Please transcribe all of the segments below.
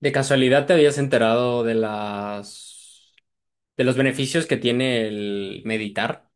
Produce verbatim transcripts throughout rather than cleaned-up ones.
¿De casualidad te habías enterado de las de los beneficios que tiene el meditar?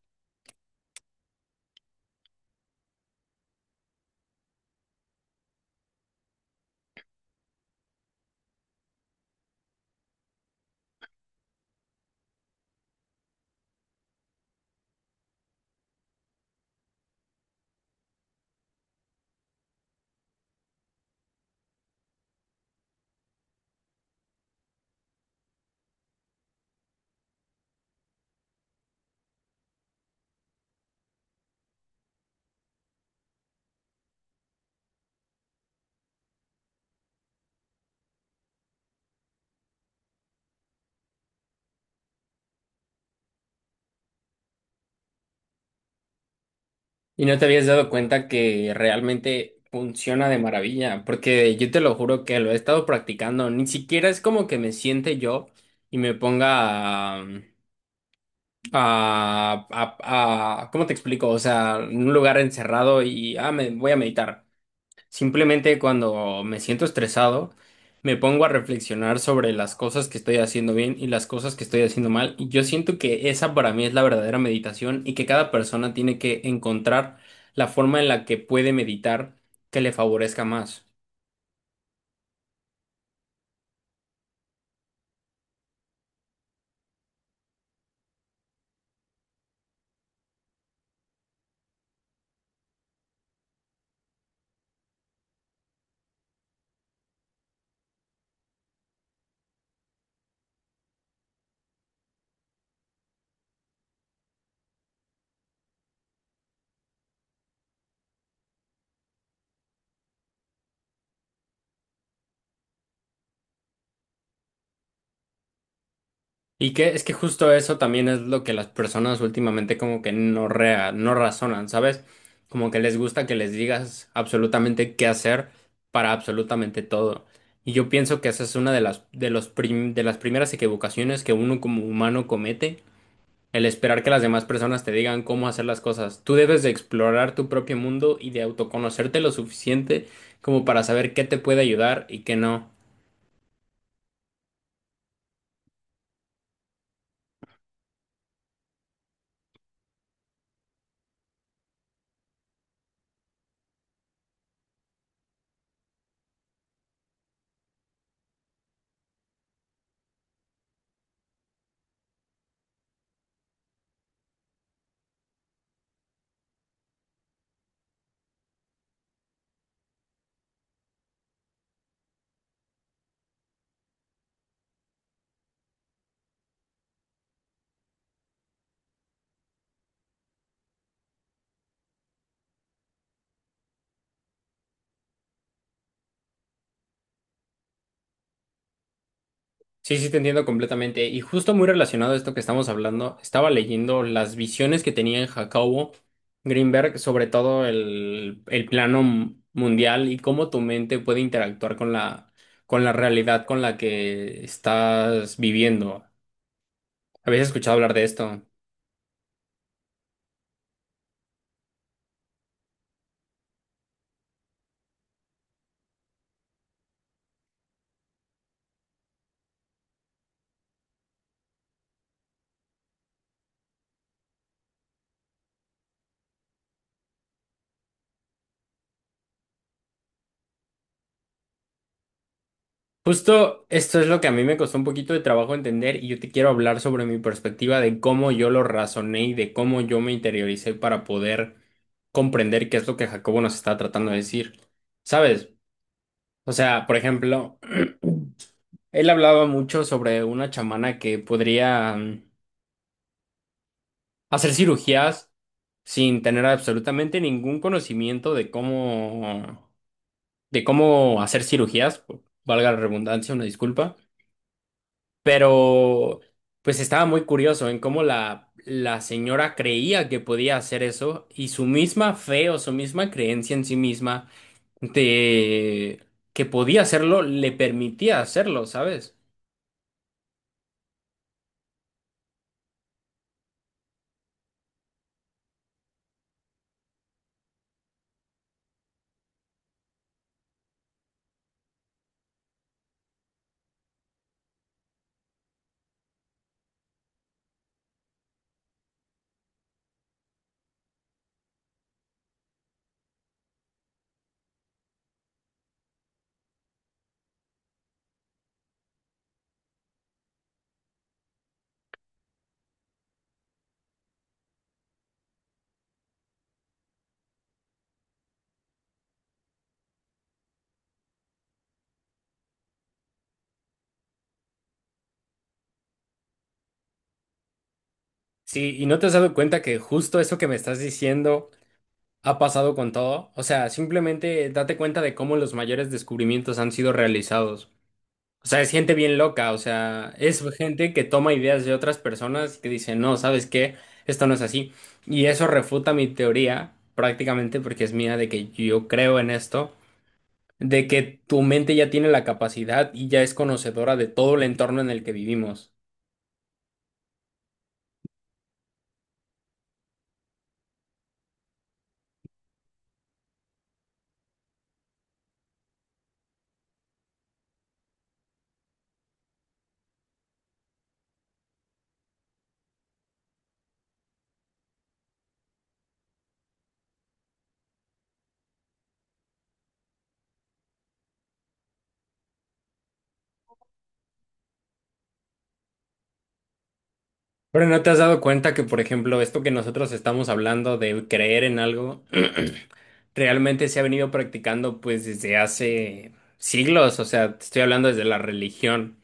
Y no te habías dado cuenta que realmente funciona de maravilla, porque yo te lo juro que lo he estado practicando, ni siquiera es como que me siente yo y me ponga a, a, a- a- ¿cómo te explico? O sea, en un lugar encerrado y ah, me voy a meditar. Simplemente cuando me siento estresado, me pongo a reflexionar sobre las cosas que estoy haciendo bien y las cosas que estoy haciendo mal. Y yo siento que esa para mí es la verdadera meditación y que cada persona tiene que encontrar la forma en la que puede meditar que le favorezca más. Y que es que justo eso también es lo que las personas últimamente como que no rea- no razonan, ¿sabes? Como que les gusta que les digas absolutamente qué hacer para absolutamente todo. Y yo pienso que esa es una de las de los prim- de las primeras equivocaciones que uno como humano comete, el esperar que las demás personas te digan cómo hacer las cosas. Tú debes de explorar tu propio mundo y de autoconocerte lo suficiente como para saber qué te puede ayudar y qué no. Sí, sí, te entiendo completamente. Y justo muy relacionado a esto que estamos hablando, estaba leyendo las visiones que tenía en Jacobo Greenberg sobre todo el, el plano m- mundial y cómo tu mente puede interactuar con la, con la realidad con la que estás viviendo. ¿Habías escuchado hablar de esto? Justo esto es lo que a mí me costó un poquito de trabajo entender y yo te quiero hablar sobre mi perspectiva de cómo yo lo razoné y de cómo yo me interioricé para poder comprender qué es lo que Jacobo nos está tratando de decir. ¿Sabes? O sea, por ejemplo, él hablaba mucho sobre una chamana que podría mm, hacer cirugías sin tener absolutamente ningún conocimiento de cómo, de cómo hacer cirugías, valga la redundancia, una disculpa. Pero pues estaba muy curioso en cómo la, la señora creía que podía hacer eso y su misma fe o su misma creencia en sí misma de que podía hacerlo le permitía hacerlo, ¿sabes? Sí, y no te has dado cuenta que justo eso que me estás diciendo ha pasado con todo. O sea, simplemente date cuenta de cómo los mayores descubrimientos han sido realizados. O sea, es gente bien loca, o sea, es gente que toma ideas de otras personas que dice, no, ¿sabes qué? Esto no es así. Y eso refuta mi teoría, prácticamente, porque es mía, de que yo creo en esto, de que tu mente ya tiene la capacidad y ya es conocedora de todo el entorno en el que vivimos. Pero ¿no te has dado cuenta que, por ejemplo, esto que nosotros estamos hablando de creer en algo, realmente se ha venido practicando pues desde hace siglos? O sea, te estoy hablando desde la religión.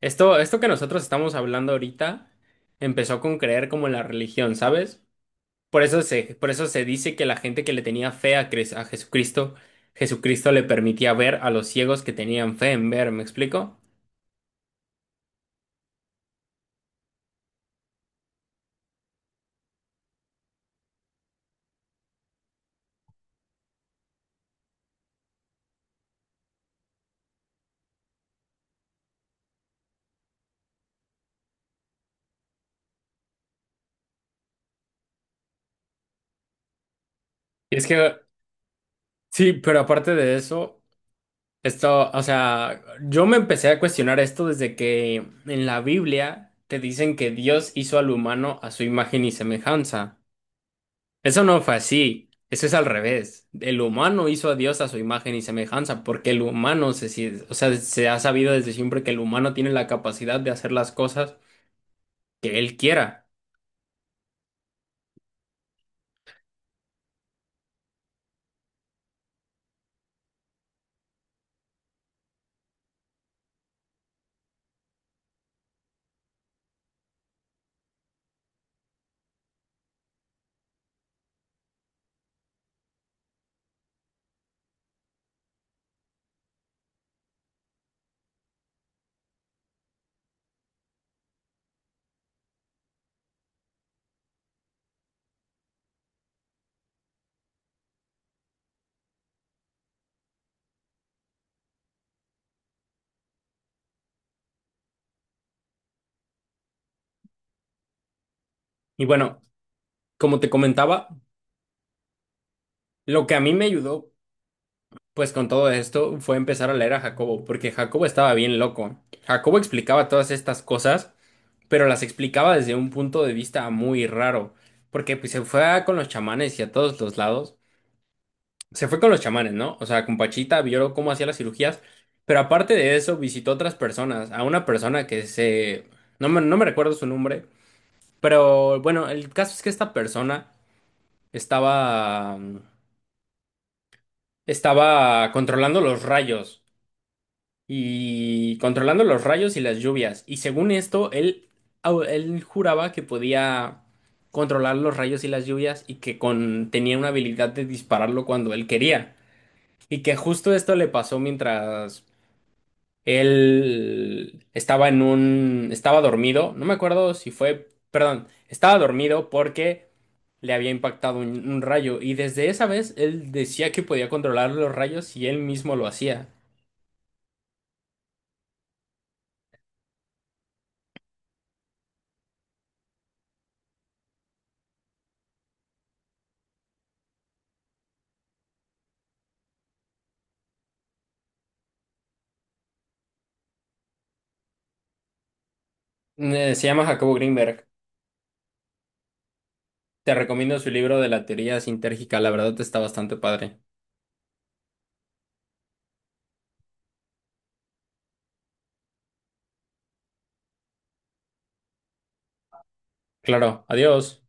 Esto, esto que nosotros estamos hablando ahorita empezó con creer como en la religión, ¿sabes? Por eso se, por eso se dice que la gente que le tenía fe a, Cres- a Jesucristo, Jesucristo le permitía ver a los ciegos que tenían fe en ver, ¿me explico? Y es que, sí, pero aparte de eso, esto, o sea, yo me empecé a cuestionar esto desde que en la Biblia te dicen que Dios hizo al humano a su imagen y semejanza. Eso no fue así, eso es al revés. El humano hizo a Dios a su imagen y semejanza, porque el humano se, si- o sea, se ha sabido desde siempre que el humano tiene la capacidad de hacer las cosas que él quiera. Y bueno, como te comentaba, lo que a mí me ayudó, pues con todo esto, fue empezar a leer a Jacobo, porque Jacobo estaba bien loco. Jacobo explicaba todas estas cosas, pero las explicaba desde un punto de vista muy raro, porque pues, se fue a- con los chamanes y a todos los lados. Se fue con los chamanes, ¿no? O sea, con Pachita vio cómo hacía las cirugías, pero aparte de eso visitó a otras personas, a una persona que se... No me, no me recuerdo su nombre, pero bueno, el caso es que esta persona estaba... estaba controlando los rayos y controlando los rayos y las lluvias. Y según esto, él, au- él juraba que podía controlar los rayos y las lluvias y que con, tenía una habilidad de dispararlo cuando él quería. Y que justo esto le pasó mientras él estaba en un... estaba dormido, no me acuerdo si fue... perdón, estaba dormido porque le había impactado un, un rayo y desde esa vez él decía que podía controlar los rayos y él mismo lo hacía. Mm, Eh, Se llama Jacobo Greenberg. Te recomiendo su libro de la teoría sintérgica, la verdad está bastante padre. Claro, adiós.